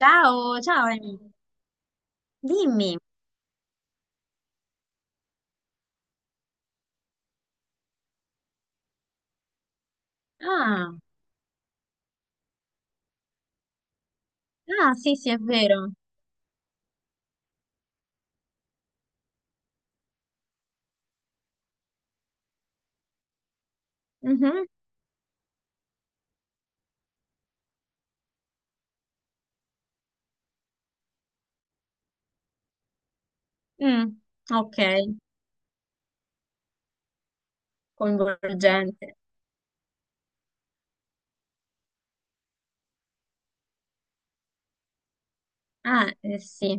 Ciao, ciao Amy. Dimmi. Ah, sì, sì, è vero. Mhm, mm, Ok, coinvolgente. Ah, sì.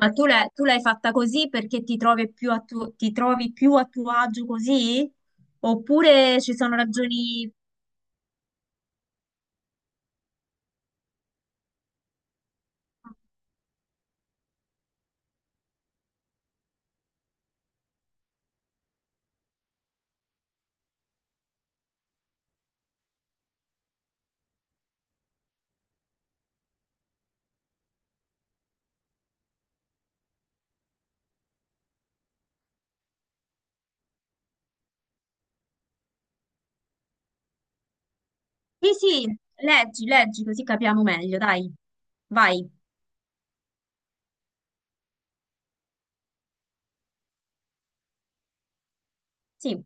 Ma tu l'hai fatta così perché ti trovi più a ti trovi più a tuo agio così? Oppure ci sono ragioni... Sì, sì, leggi, leggi, così capiamo meglio, dai. Vai. Sì,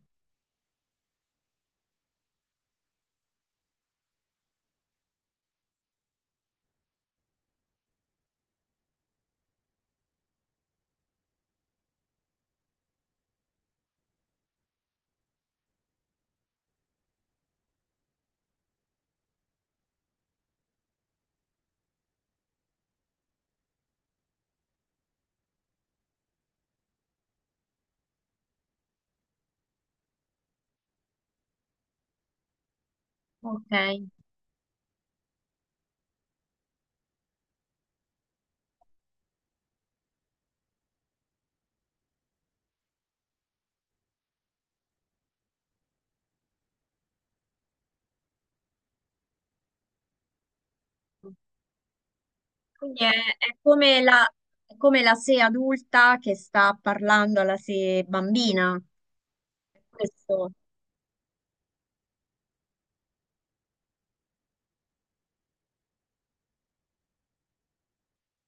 ok. Quindi è come è come la sé adulta che sta parlando alla sé bambina. Questo.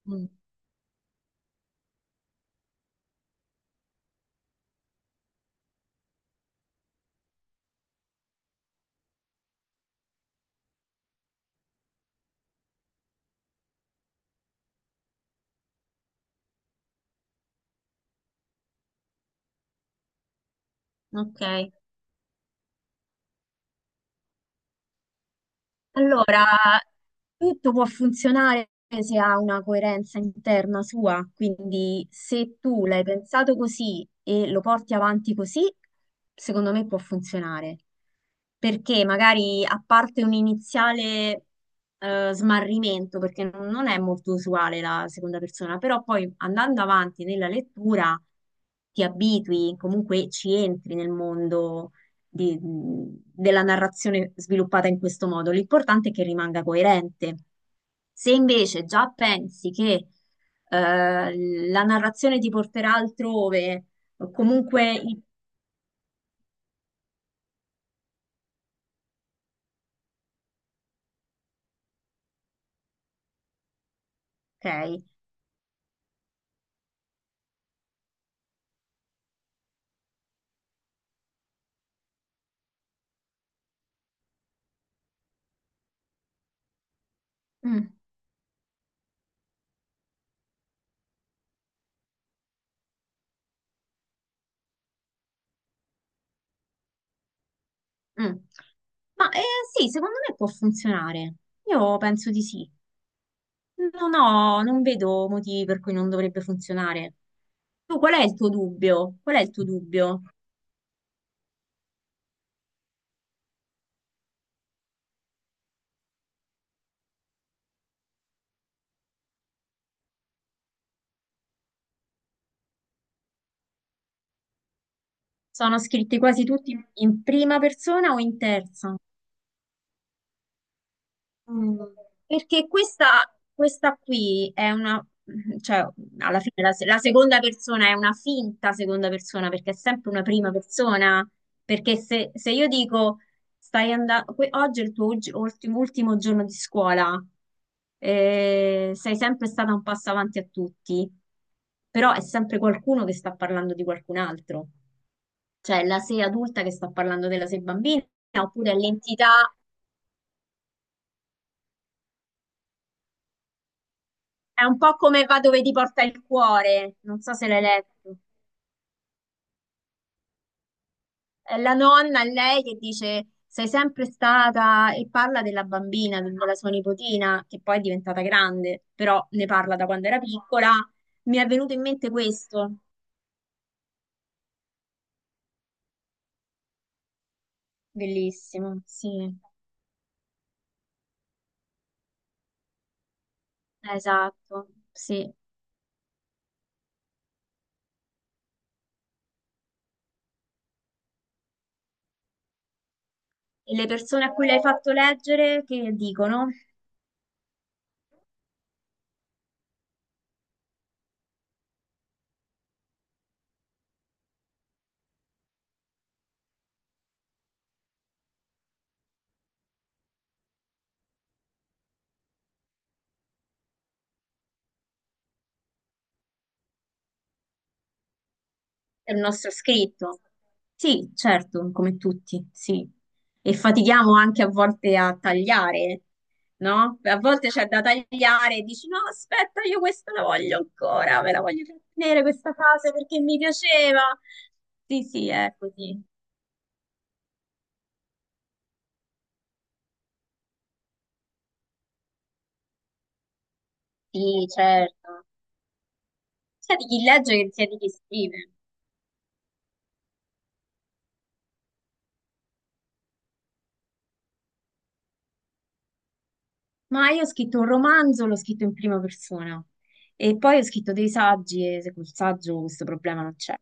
Mm, Ok, allora tutto può funzionare se ha una coerenza interna sua, quindi se tu l'hai pensato così e lo porti avanti così, secondo me può funzionare, perché magari a parte un iniziale smarrimento, perché non è molto usuale la seconda persona, però poi andando avanti nella lettura ti abitui, comunque ci entri nel mondo della narrazione sviluppata in questo modo. L'importante è che rimanga coerente. Se invece già pensi che la narrazione ti porterà altrove, o comunque... i- Ok. Mm, mm. Ma sì, secondo me può funzionare. Io penso di sì. Non vedo motivi per cui non dovrebbe funzionare. Tu qual è il tuo dubbio? Qual è il tuo dubbio? Sono scritti quasi tutti in prima persona o in terza? Mm. Perché questa qui è una, cioè, alla fine la, se- la seconda persona è una finta seconda persona perché è sempre una prima persona. Perché se io dico stai andando, oggi è il tuo ultimo, ultimo giorno di scuola, sei sempre stata un passo avanti a tutti, però è sempre qualcuno che sta parlando di qualcun altro, cioè la sei adulta che sta parlando della sei bambina, oppure è l'entità. È un po' come Va dove ti porta il cuore, non so se l'hai letto. È la nonna, lei che dice sei sempre stata e parla della bambina, della sua nipotina, che poi è diventata grande, però ne parla da quando era piccola. Mi è venuto in mente questo. Bellissimo, sì, esatto, sì. E le persone a cui l'hai fatto leggere che dicono? È il nostro scritto. Sì, certo, come tutti, sì. E fatichiamo anche a volte a tagliare, no? A volte c'è da tagliare e dici, no, aspetta, io questa la voglio ancora, me la voglio tenere questa frase perché mi piaceva. Sì, sì, è così. Sì, certo. Sia di chi legge che sia di chi scrive. Ma io ho scritto un romanzo, l'ho scritto in prima persona. E poi ho scritto dei saggi e col saggio questo problema non c'è.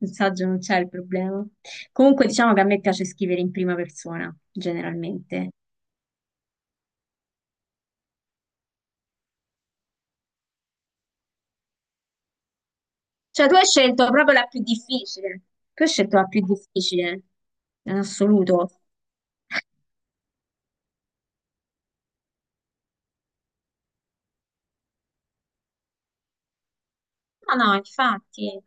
Il saggio non c'è il problema. Comunque diciamo che a me piace scrivere in prima persona, generalmente. Cioè, tu hai scelto proprio la più difficile. Tu hai scelto la più difficile, in assoluto. No, no, infatti.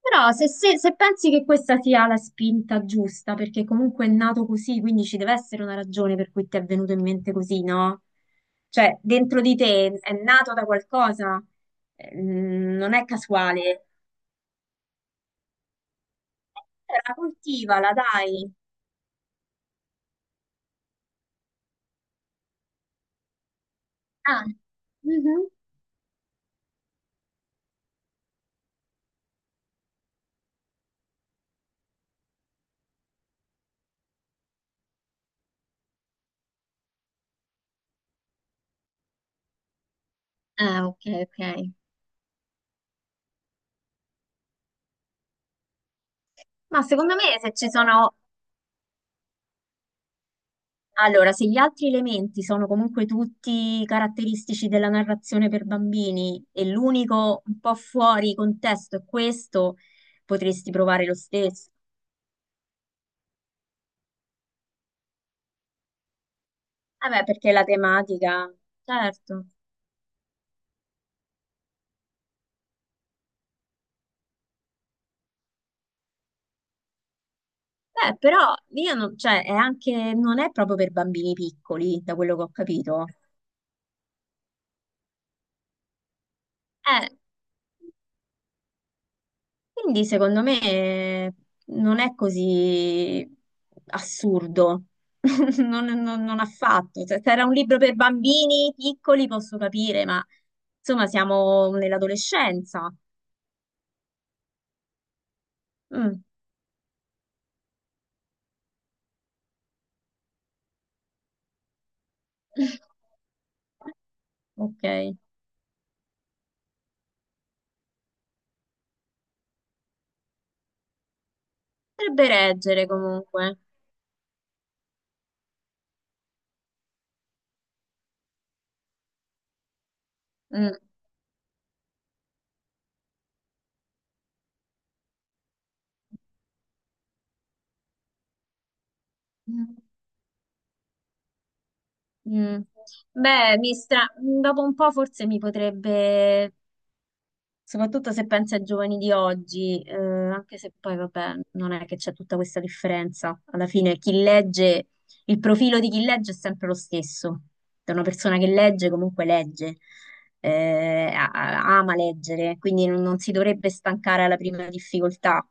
Però se pensi che questa sia la spinta giusta, perché comunque è nato così, quindi ci deve essere una ragione per cui ti è venuto in mente così, no? Cioè, dentro di te è nato da qualcosa, non è casuale. Allora, coltivala, dai. Ah, Mhm. ah, ok, ok. Ma secondo me se ci sono... Allora, se gli altri elementi sono comunque tutti caratteristici della narrazione per bambini e l'unico un po' fuori contesto è questo, potresti provare lo stesso. Vabbè, perché la tematica, certo. Beh, però io non, cioè, è anche, non è proprio per bambini piccoli, da quello che ho capito. Eh. Quindi secondo me non è così assurdo, non affatto. Se se era un libro per bambini piccoli posso capire, ma insomma siamo nell'adolescenza. Mm. Ok, potrebbe reggere comunque. Mm. Mm. Beh, mi stra- dopo un po' forse mi potrebbe Soprattutto se pensi ai giovani di oggi, anche se poi, vabbè, non è che c'è tutta questa differenza. Alla fine, chi legge, il profilo di chi legge è sempre lo stesso. Da una persona che legge, comunque legge, ama leggere, quindi non, non si dovrebbe stancare alla prima difficoltà.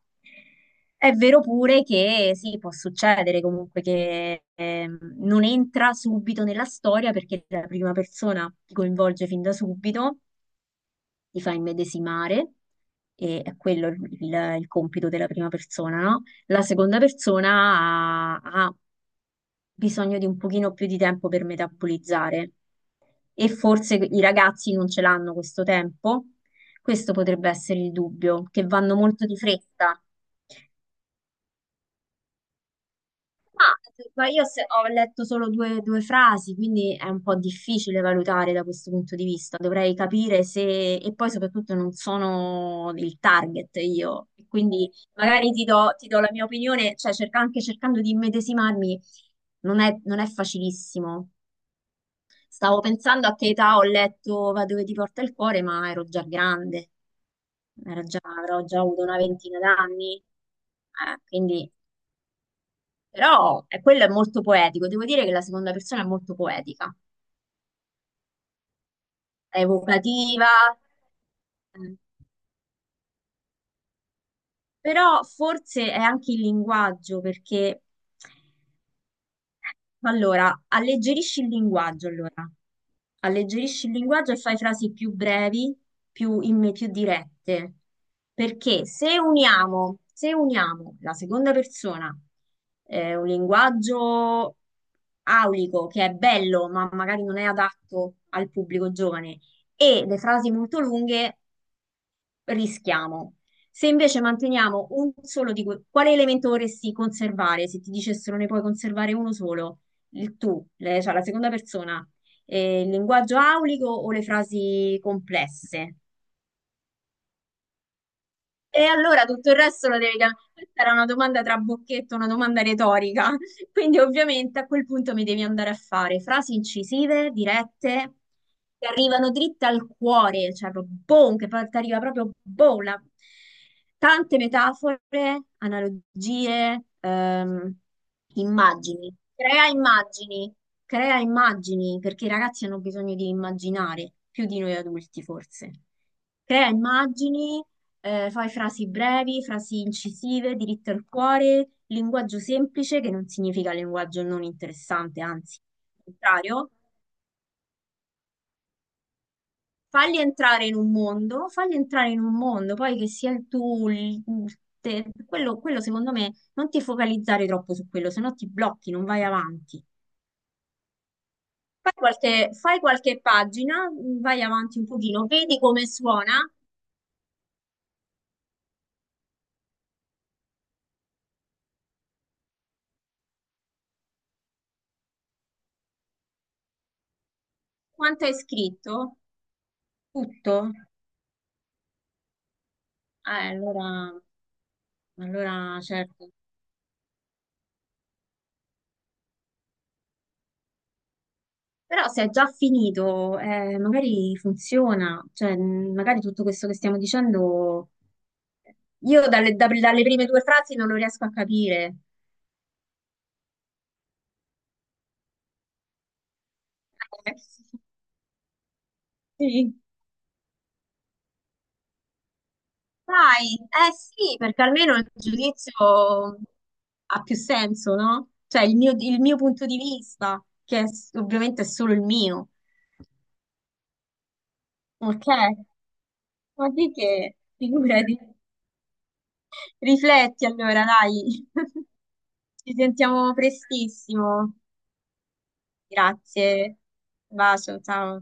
È vero pure che sì, può succedere comunque che non entra subito nella storia perché la prima persona ti coinvolge fin da subito ti fa immedesimare, e è quello il compito della prima persona, no? La seconda persona ha bisogno di un pochino più di tempo per metabolizzare e forse i ragazzi non ce l'hanno questo tempo. Questo potrebbe essere il dubbio, che vanno molto di fretta. Ma ma io ho letto solo due, due frasi, quindi è un po' difficile valutare da questo punto di vista. Dovrei capire se, e poi soprattutto non sono il target io, quindi magari ti do la mia opinione, cioè anche cercando di immedesimarmi, non è facilissimo. Stavo pensando a che età ho letto Va dove ti porta il cuore, ma ero già grande, avrò già avuto una ventina d'anni, quindi... Però quello è molto poetico, devo dire che la seconda persona è molto poetica, è evocativa, eh, però forse è anche il linguaggio, perché Allora, alleggerisci il linguaggio, allora. Alleggerisci il linguaggio e fai frasi più brevi, più dirette. Perché se uniamo la seconda persona, un linguaggio aulico che è bello, ma magari non è adatto al pubblico giovane, e le frasi molto lunghe, rischiamo. Se invece manteniamo un solo di quale elemento vorresti conservare? Se ti dicessero ne puoi conservare uno solo, il tu, cioè la seconda persona, il linguaggio aulico o le frasi complesse? E allora tutto il resto lo devi cambiare. Questa era una domanda tra bocchetto, una domanda retorica. Quindi ovviamente a quel punto mi devi andare a fare frasi incisive, dirette, che arrivano dritte al cuore, cioè proprio boom, che poi ti arriva proprio boom. La- Tante metafore, analogie, immagini. Crea immagini, crea immagini, perché i ragazzi hanno bisogno di immaginare, più di noi adulti forse. Crea immagini fai frasi brevi, frasi incisive, diritte al cuore, linguaggio semplice, che non significa linguaggio non interessante, anzi, al contrario. Fagli entrare in un mondo, fagli entrare in un mondo, poi che sia il tuo, quello, quello secondo me non ti focalizzare troppo su quello, se no ti blocchi, non vai avanti. Fai qualche pagina, vai avanti un pochino, vedi come suona, quanto hai scritto, tutto. Allora, allora certo. Però se è già finito, magari funziona, cioè magari tutto questo che stiamo dicendo, io dalle prime due frasi non lo riesco a capire. Sì. Dai, eh sì, perché almeno il giudizio ha più senso, no? Cioè il mio punto di vista, che è s- ovviamente è solo il mio. Ok, ma di che? Figurati. Rifletti allora, dai. Ci sentiamo prestissimo. Grazie. Bacio, ciao.